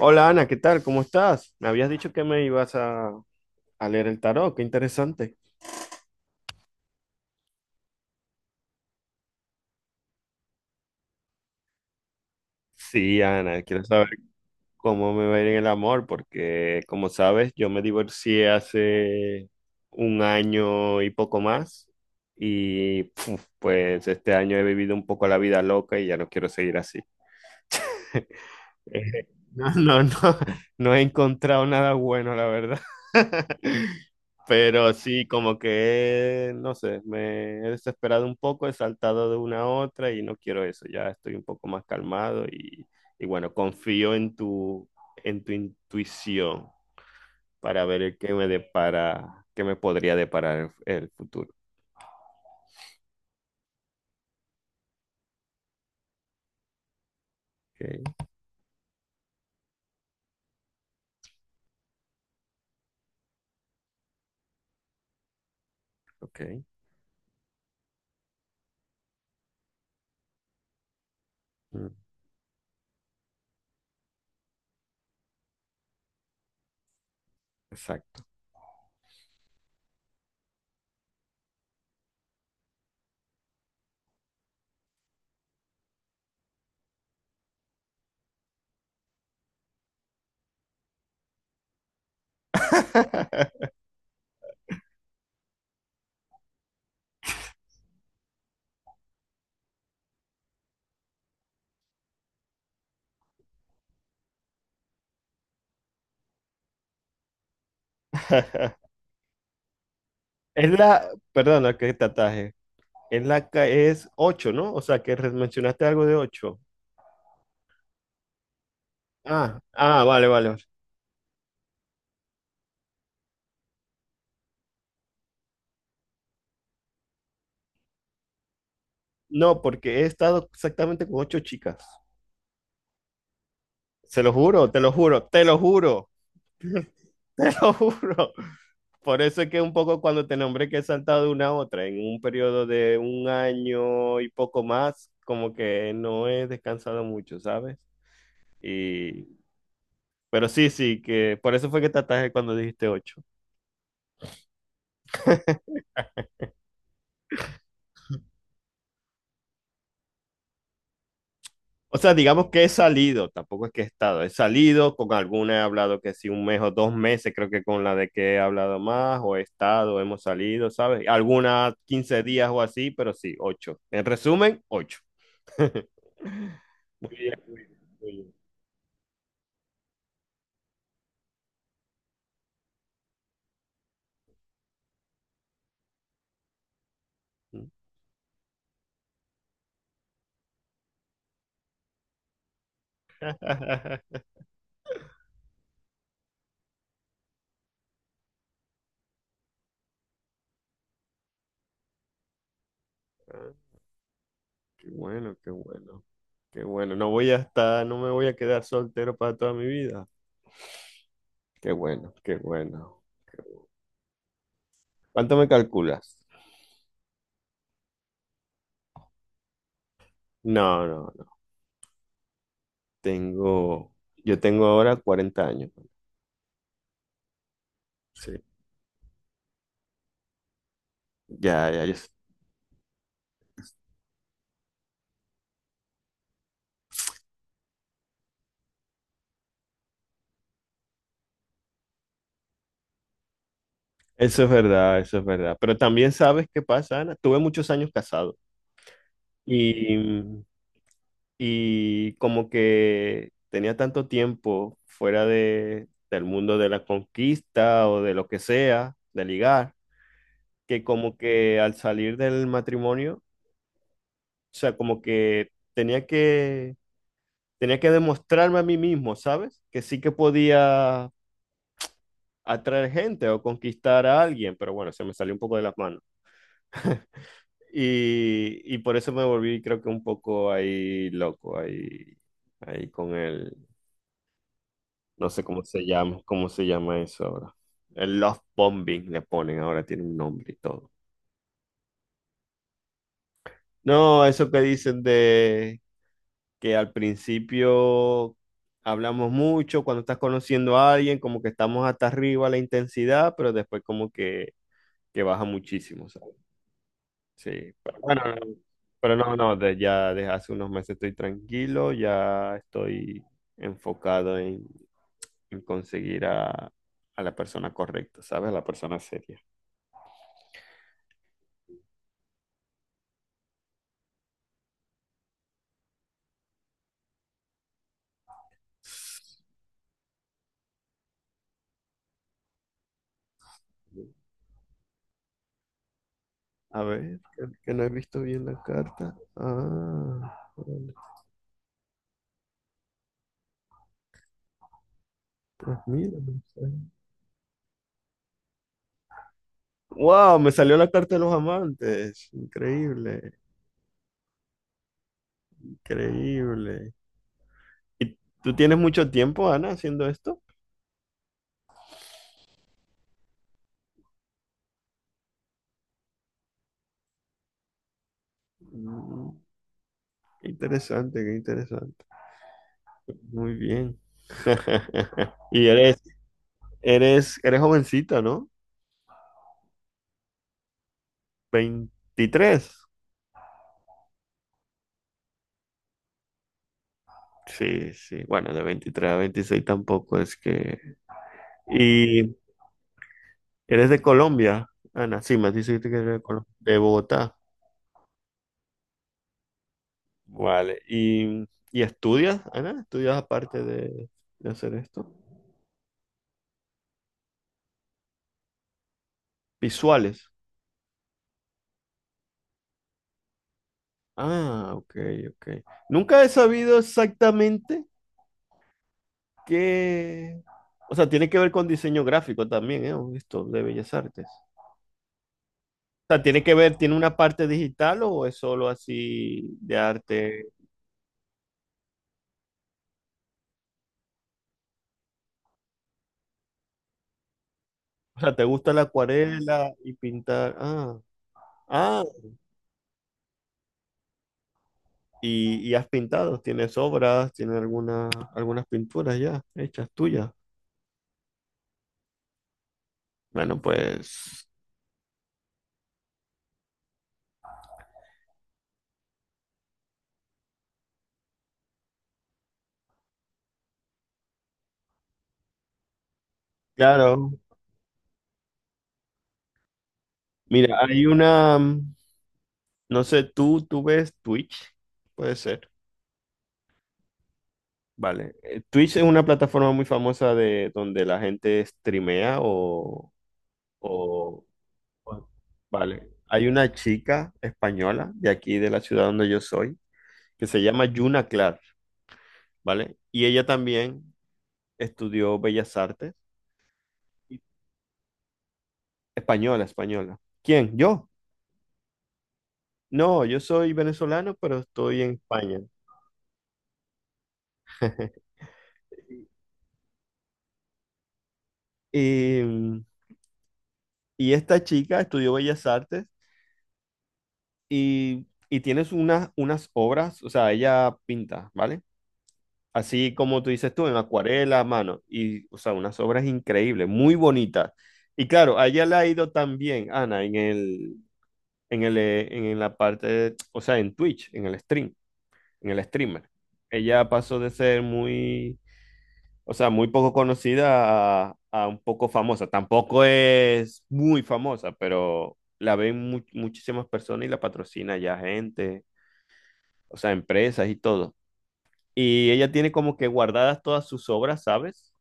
Hola Ana, ¿qué tal? ¿Cómo estás? Me habías dicho que me ibas a leer el tarot, qué interesante. Sí, Ana, quiero saber cómo me va a ir en el amor, porque como sabes, yo me divorcié hace un año y poco más, y puf, pues este año he vivido un poco la vida loca y ya no quiero seguir así. Eh, no, no, no, no he encontrado nada bueno, la verdad. Pero sí, como que, no sé, me he desesperado un poco, he saltado de una a otra y no quiero eso, ya estoy un poco más calmado y bueno, confío en tu intuición para ver el que me depara, qué me podría deparar el futuro. Ok, ok, mm, exacto. Es la, perdona que te ataje, es la es 8, ¿no? O sea, que mencionaste algo de 8. Ah, ah, vale, vale. No, porque he estado exactamente con 8 chicas. Se lo juro, te lo juro, te lo juro, te lo juro. Por eso es que un poco cuando te nombré que he saltado de una a otra en un periodo de un año y poco más, como que no he descansado mucho, ¿sabes? Y pero sí, sí, que por eso fue que te atajé cuando dijiste 8. O sea, digamos que he salido, tampoco es que he estado, he salido, con alguna he hablado que sí, un mes o dos meses, creo que con la de que he hablado más, o he estado, hemos salido, ¿sabes? Algunas 15 días o así, pero sí, ocho. En resumen, ocho. Muy bien, muy bien, muy bien. Ah, qué bueno, qué bueno, qué bueno. No voy a estar, no me voy a quedar soltero para toda mi vida. Qué bueno, qué bueno. Bueno. ¿Cuánto me calculas? No, no, no. Tengo, yo tengo ahora 40 años. ¿No? Sí, ya, ya, ya. Eso es verdad, eso es verdad. Pero también sabes qué pasa, Ana. Tuve muchos años casado y, y como que tenía tanto tiempo fuera del mundo de la conquista o de lo que sea, de ligar, que como que al salir del matrimonio, o sea, como que tenía que demostrarme a mí mismo, ¿sabes? Que sí que podía atraer gente o conquistar a alguien, pero bueno, se me salió un poco de las manos. Y por eso me volví, creo que un poco ahí loco, ahí con el, no sé cómo se llama eso ahora. El love bombing le ponen ahora, tiene un nombre y todo. No, eso que dicen de que al principio hablamos mucho, cuando estás conociendo a alguien, como que estamos hasta arriba la intensidad, pero después como que baja muchísimo, ¿sabes? Sí, pero bueno, no, pero no, no, ya desde hace unos meses estoy tranquilo, ya estoy enfocado en conseguir a la persona correcta, ¿sabes? A la persona seria. A ver, que no he visto bien la carta. Ah, vale, pues mira, no sé. Wow, me salió la carta de los amantes. Increíble, increíble. ¿Y tú tienes mucho tiempo, Ana, haciendo esto? Mm, qué interesante, qué interesante. Muy bien. Y eres jovencita, ¿no? 23. Sí, sí. Bueno, de 23 a 26 tampoco es que. Y eres de Colombia, Ana. Sí, me dijiste que eres de Colombia. De Bogotá. Vale. ¿Y estudias, Ana? ¿Estudias aparte de hacer esto? Visuales. Ah, ok, ok. Nunca he sabido exactamente qué. O sea, tiene que ver con diseño gráfico también, ¿eh? Esto de Bellas Artes. O sea, tiene que ver, ¿tiene una parte digital o es solo así de arte? O sea, ¿te gusta la acuarela y pintar? Ah, ah, y has pintado, tienes obras, tienes algunas pinturas ya hechas tuyas. Bueno, pues, claro. Mira, hay una, no sé, tú ves Twitch, puede ser. Vale. Twitch es una plataforma muy famosa de donde la gente streamea o Vale. Hay una chica española de aquí, de la ciudad donde yo soy, que se llama Yuna Clark, ¿vale? Y ella también estudió Bellas Artes. Española, española. ¿Quién? ¿Yo? No, yo soy venezolano, pero estoy en España. Y, mm, y esta chica estudió Bellas Artes y tienes unas obras, o sea, ella pinta, ¿vale? Así como tú dices tú, en acuarela, mano. Y, o sea, unas obras increíbles, muy bonitas. Y claro, a ella le ha ido también, Ana, en la parte, o sea, en Twitch, en el stream, en el streamer. Ella pasó de ser muy, o sea, muy poco conocida a un poco famosa. Tampoco es muy famosa, pero la ven muchísimas personas y la patrocina ya gente, o sea, empresas y todo. Y ella tiene como que guardadas todas sus obras, ¿sabes?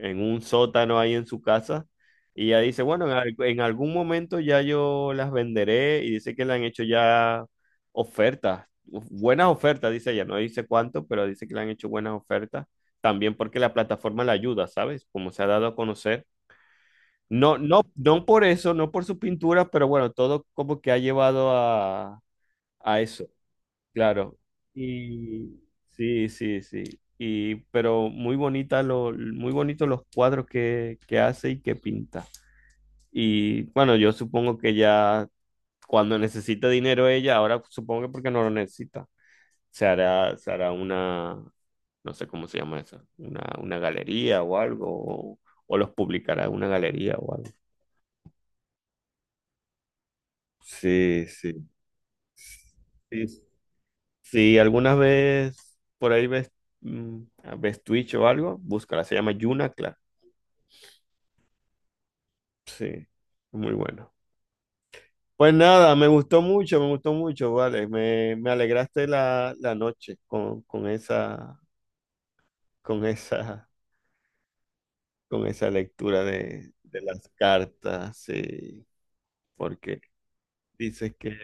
En un sótano ahí en su casa. Y ella dice, bueno, en algún momento ya yo las venderé y dice que le han hecho ya ofertas, uf, buenas ofertas, dice ella, no dice cuánto, pero dice que le han hecho buenas ofertas, también porque la plataforma la ayuda, ¿sabes? Como se ha dado a conocer. No, no, no por eso, no por su pintura, pero bueno, todo como que ha llevado a eso claro. Y sí, sí, sí. Y, pero muy muy bonitos los cuadros que hace y que pinta. Y bueno, yo supongo que ya cuando necesita dinero ella, ahora supongo que porque no lo necesita, se hará una, no sé cómo se llama eso, una galería o algo, o los publicará en una galería o algo. Sí, sí. Sí, si alguna vez por ahí ves Twitch o algo, búscala, se llama Yuna Clark. Sí, muy bueno. Pues nada, me gustó mucho, vale. Me alegraste la noche con esa, con esa, con esa, lectura de las cartas, sí, porque dices que,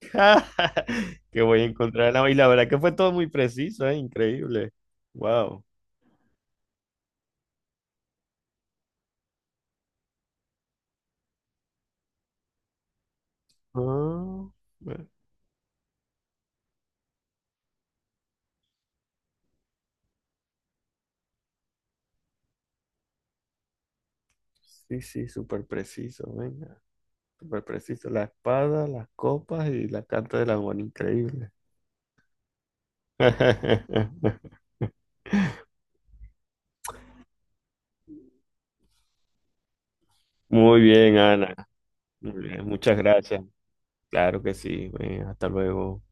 que voy a encontrar la. Y la verdad que fue todo muy preciso, ¿eh? Increíble. Wow. Ah, bueno. Sí, sí, súper preciso, venga. Súper preciso. La espada, las copas y la carta del amor increíble. Muy bien, Ana. Muy bien, muchas gracias. Claro que sí. Venga, hasta luego.